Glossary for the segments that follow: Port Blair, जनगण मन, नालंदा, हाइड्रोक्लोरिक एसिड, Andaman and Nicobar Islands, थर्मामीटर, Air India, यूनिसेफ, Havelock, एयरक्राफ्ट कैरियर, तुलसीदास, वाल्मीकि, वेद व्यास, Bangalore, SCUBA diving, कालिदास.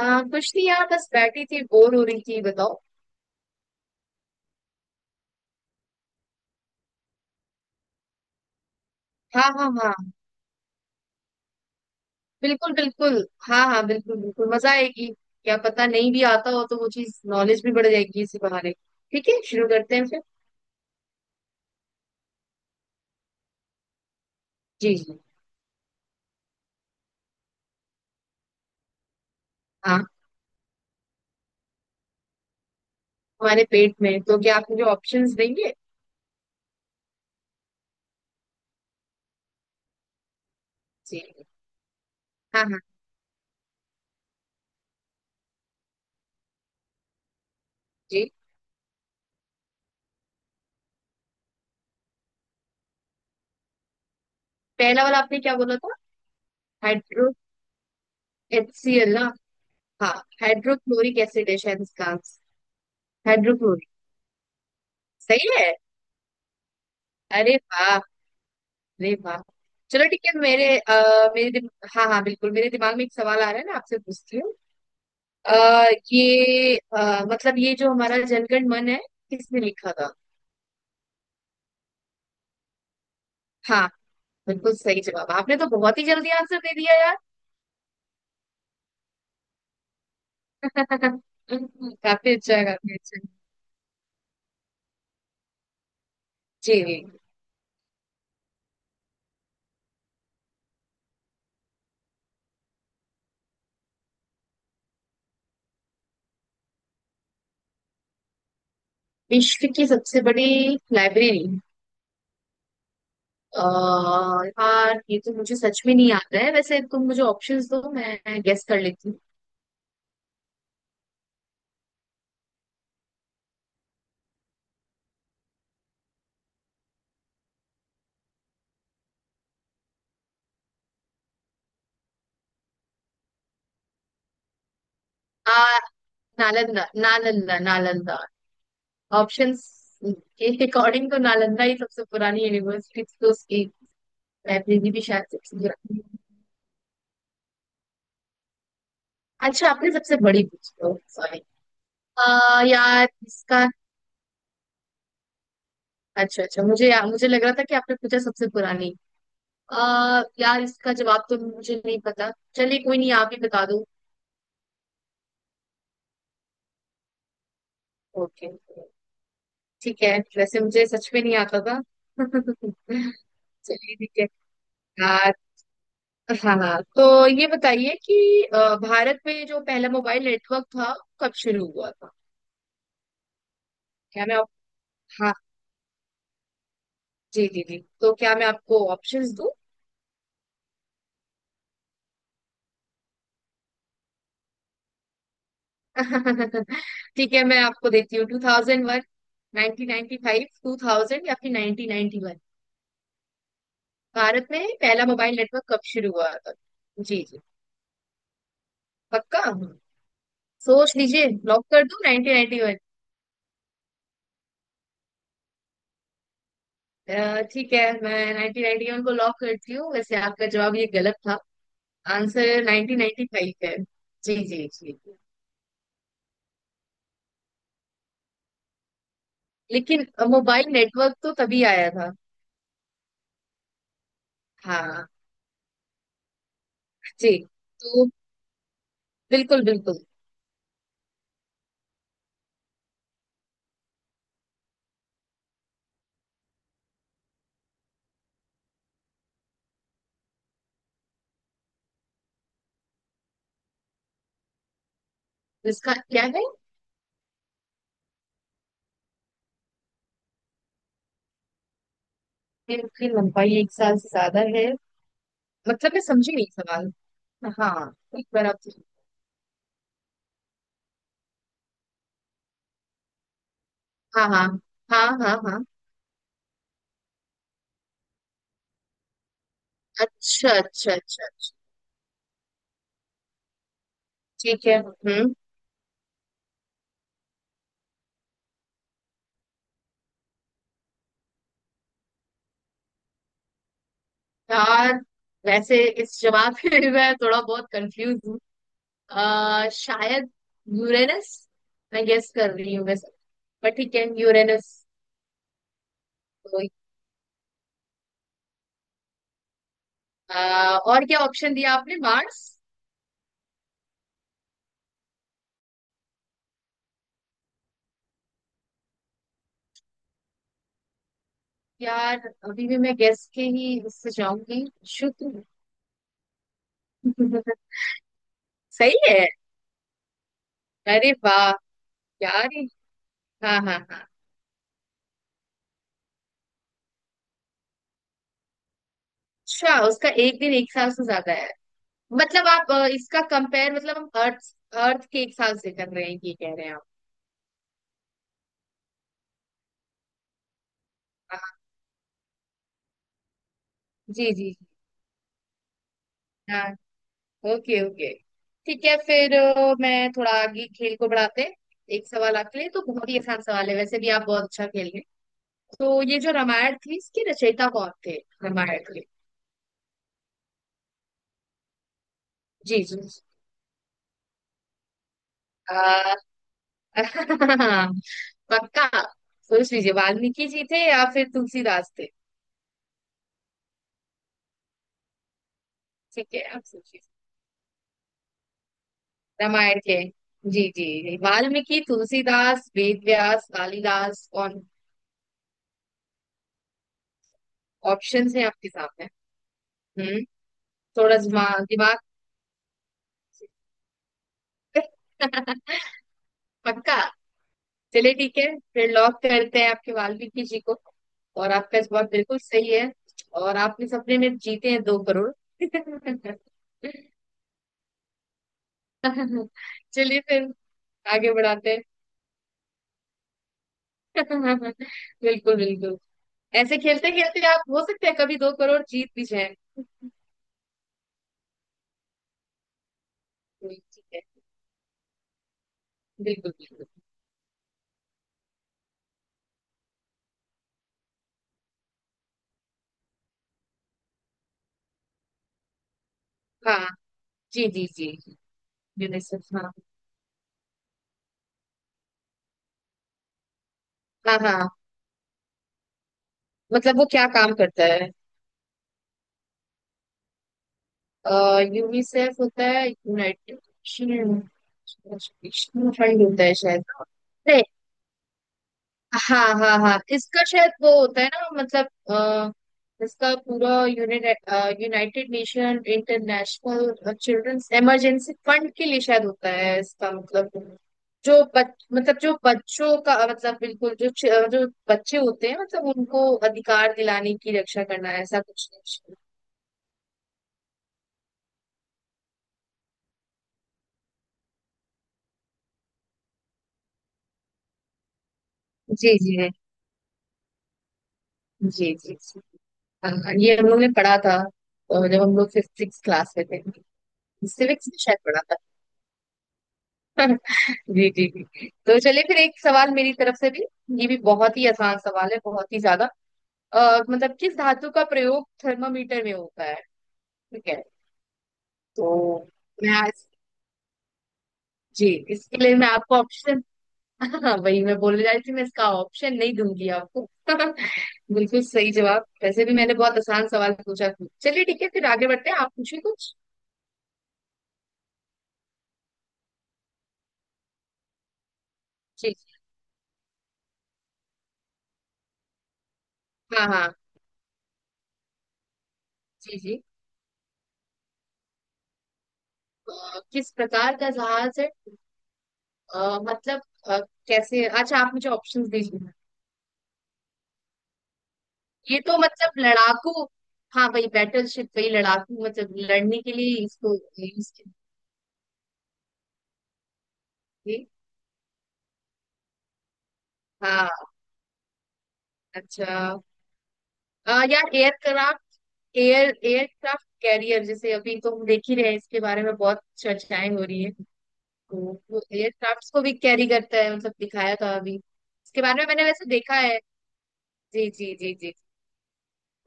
कुछ नहीं यार, बस बैठी थी, बोर हो रही थी, बताओ। हाँ, हाँ, हाँ। बिल्कुल, बिल्कुल। हाँ, हाँ, बिल्कुल, बिल्कुल, मजा आएगी। क्या पता, नहीं भी आता हो तो वो चीज, नॉलेज भी बढ़ जाएगी इसी बहाने। ठीक है, शुरू करते हैं फिर। जी, जी। हाँ, हमारे पेट में? तो क्या आप मुझे ऑप्शंस देंगे? जी। हाँ, हाँ। जी। पहला वाला आपने क्या बोला था? हाइड्रो HCL ना? हाँ। हाइड्रोक्लोरिक एसिड है शायद इसका आंसर। हाइड्रोक्लोरिक। सही है। अरे वाह। अरे वाह। चलो, ठीक है। मेरे आ, मेरे दिम... हाँ, हाँ, बिल्कुल, मेरे दिमाग में एक सवाल आ रहा है ना, आपसे पूछती हूँ। अ, ये मतलब ये जो हमारा जनगण मन है, किसने लिखा था? हाँ। बिल्कुल सही जवाब। आपने तो बहुत ही जल्दी आंसर दे दिया यार। काफी अच्छा है, काफी अच्छा है। जी। विश्व की सबसे बड़ी लाइब्रेरी। अ, यार, ये तो मुझे सच में नहीं आता है। वैसे तुम मुझे ऑप्शंस दो, मैं गेस कर लेती हूँ। आ, नालंदा, नालंदा, नालंदा। ऑप्शंस के अकॉर्डिंग तो नालंदा ही सबसे पुरानी यूनिवर्सिटी थी, तो उसकी लाइब्रेरी भी शायद सबसे पुरानी है। अच्छा, आपने सबसे बड़ी पूछी हो, सॉरी। आ यार इसका अच्छा, अच्छा, मुझे लग रहा था कि आपने पूछा सबसे पुरानी। आ यार, इसका जवाब तो मुझे नहीं पता, चलिए कोई नहीं, आप ही बता दो। ओके। ठीक है, वैसे मुझे सच में नहीं आता था। चलिए, ठीक है। आ, हाँ, हाँ। तो ये बताइए कि भारत में जो पहला मोबाइल नेटवर्क था, कब शुरू हुआ था? क्या मैं आप... हाँ। जी, जी, जी, तो क्या मैं आपको ऑप्शंस दूं? ठीक है, मैं आपको देती हूँ, 2001, 1995, 2000, या फिर 1991। भारत में पहला मोबाइल नेटवर्क कब शुरू हुआ था? जी, जी। पक्का? सोच लीजिए, लॉक कर दूं 1991। ठीक है, मैं 1991 को लॉक करती हूँ। वैसे आपका जवाब ये गलत था। आंसर 1995 है। जी, जी, जी। लेकिन मोबाइल नेटवर्क तो तभी आया था। हाँ। जी। तो बिल्कुल, बिल्कुल। इसका क्या है? पेड़ की लंबाई एक साल से ज्यादा है? मतलब मैं समझी नहीं सवाल। हाँ। एक बार आप। हाँ, हाँ, हाँ, हाँ, हाँ। अच्छा, अच्छा, अच्छा, अच्छा। ठीक है। हम्म। यार वैसे इस जवाब में मैं थोड़ा बहुत कंफ्यूज। शायद यूरेनस। मैं गेस कर रही हूँ वैसे। पर ठीक है, यूरेनस। तो, और क्या ऑप्शन दिया आपने, मार्स? यार, अभी भी मैं गेस के ही इससे जाऊंगी, शुक्र। सही है। अरे वाह। यार। हाँ, हाँ, हाँ। अच्छा, उसका एक दिन एक साल से ज्यादा है। मतलब आप इसका कंपेयर, मतलब हम अर्थ, के एक साल से कर रहे हैं, ये कह रहे हैं आप? हाँ, जी, जी, जी। हाँ। Okay, okay. ठीक है फिर, मैं थोड़ा आगे खेल को बढ़ाते हैं। एक सवाल आपके लिए, तो बहुत ही आसान सवाल है, वैसे भी आप बहुत अच्छा खेल रहे हैं। तो ये जो रामायण थी, इसके रचयिता कौन थे? रामायण के। जी, जी। आ, पक्का? सोच लीजिए, वाल्मीकि जी थे या फिर तुलसीदास थे। ठीक है, आप सोचिए। रामायण के। जी, जी, जी, वाल्मीकि, तुलसीदास, वेद व्यास, कालिदास, कौन? ऑप्शंस हैं आपके सामने। हम्म। थोड़ा दिमाग, दिमाग। पक्का? चलिए ठीक है, फिर लॉक करते हैं आपके वाल्मीकि जी को। और आपका जवाब बिल्कुल सही है। और आप इस सपने में जीते हैं 2 करोड़। चलिए फिर आगे बढ़ाते हैं। बिल्कुल, बिल्कुल। ऐसे खेलते खेलते आप हो सकते हैं कभी 2 करोड़ जीत भी जाए ठीक है। बिल्कुल, बिल्कुल। हाँ। जी, जी, जी। यूनिसेफ। हाँ। हाँ, हाँ, मतलब वो क्या काम करता है? यूनिसेफ होता है यूनाइटेड नेशन फंड, होता है शायद। नहीं। हाँ, हाँ, हाँ, इसका शायद वो होता है ना, मतलब इसका पूरा unit, United Nation International Children's Emergency Fund के लिए शायद होता है इसका मतलब। जो बच मतलब जो बच्चों का, मतलब बिल्कुल, जो बच्चे होते हैं, मतलब उनको अधिकार दिलाने की, रक्षा करना है, ऐसा कुछ नहीं? जी, जी, जी, जी, जी। हाँ, ये हम लोग ने पढ़ा था। जब हम लोग फिफ्थ सिक्स क्लास में थे। सिविक्स में शायद पढ़ा था। जी, जी, जी। तो चलिए फिर एक सवाल मेरी तरफ से भी। ये भी बहुत ही आसान सवाल है, बहुत ही ज्यादा। मतलब किस धातु का प्रयोग थर्मामीटर में होता है? ठीक है। तो मैं आज। जी। इसके लिए मैं आपको ऑप्शन। हाँ, वही मैं बोलने जा रही थी, मैं इसका ऑप्शन नहीं दूंगी आपको। बिल्कुल सही जवाब, वैसे भी मैंने बहुत आसान सवाल पूछा। चलिए ठीक है, फिर आगे बढ़ते हैं, आप पूछिए कुछ। जी। हाँ, हाँ। जी, जी। किस प्रकार का जहाज है? मतलब अ, कैसे, अच्छा आप मुझे ऑप्शंस दीजिए। ये तो मतलब लड़ाकू? हाँ, वही बैटल शिप, वही लड़ाकू, मतलब लड़ने के लिए इसको यूज की। हाँ। अच्छा। यार एयरक्राफ्ट। एयरक्राफ्ट कैरियर, जैसे अभी तो हम देख ही रहे हैं, इसके बारे में बहुत चर्चाएं हो रही है। तो वो एयरक्राफ्ट को भी कैरी करता है, मतलब दिखाया था अभी इसके बारे में, मैंने वैसे देखा है। जी, जी, जी, जी।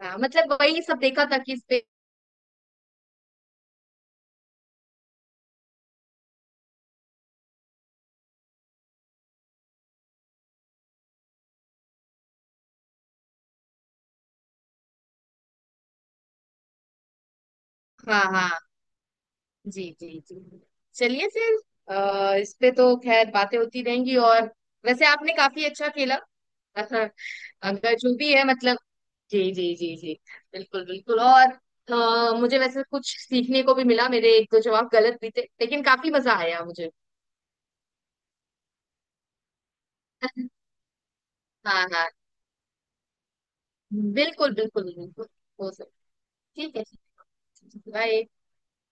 हाँ, मतलब वही सब देखा था कि इस पे। हाँ, हाँ। जी, जी, जी। चलिए फिर। इस पे तो खैर बातें होती रहेंगी। और वैसे आपने काफी अच्छा खेला। अगर जो भी है, मतलब। जी, जी, जी, जी। बिल्कुल, बिल्कुल। और मुझे वैसे कुछ सीखने को भी मिला, मेरे एक दो जवाब गलत भी थे, लेकिन काफी मजा आया मुझे। हाँ, हाँ। बिल्कुल, बिल्कुल, बिल्कुल। हो सकता। ठीक है, बाय।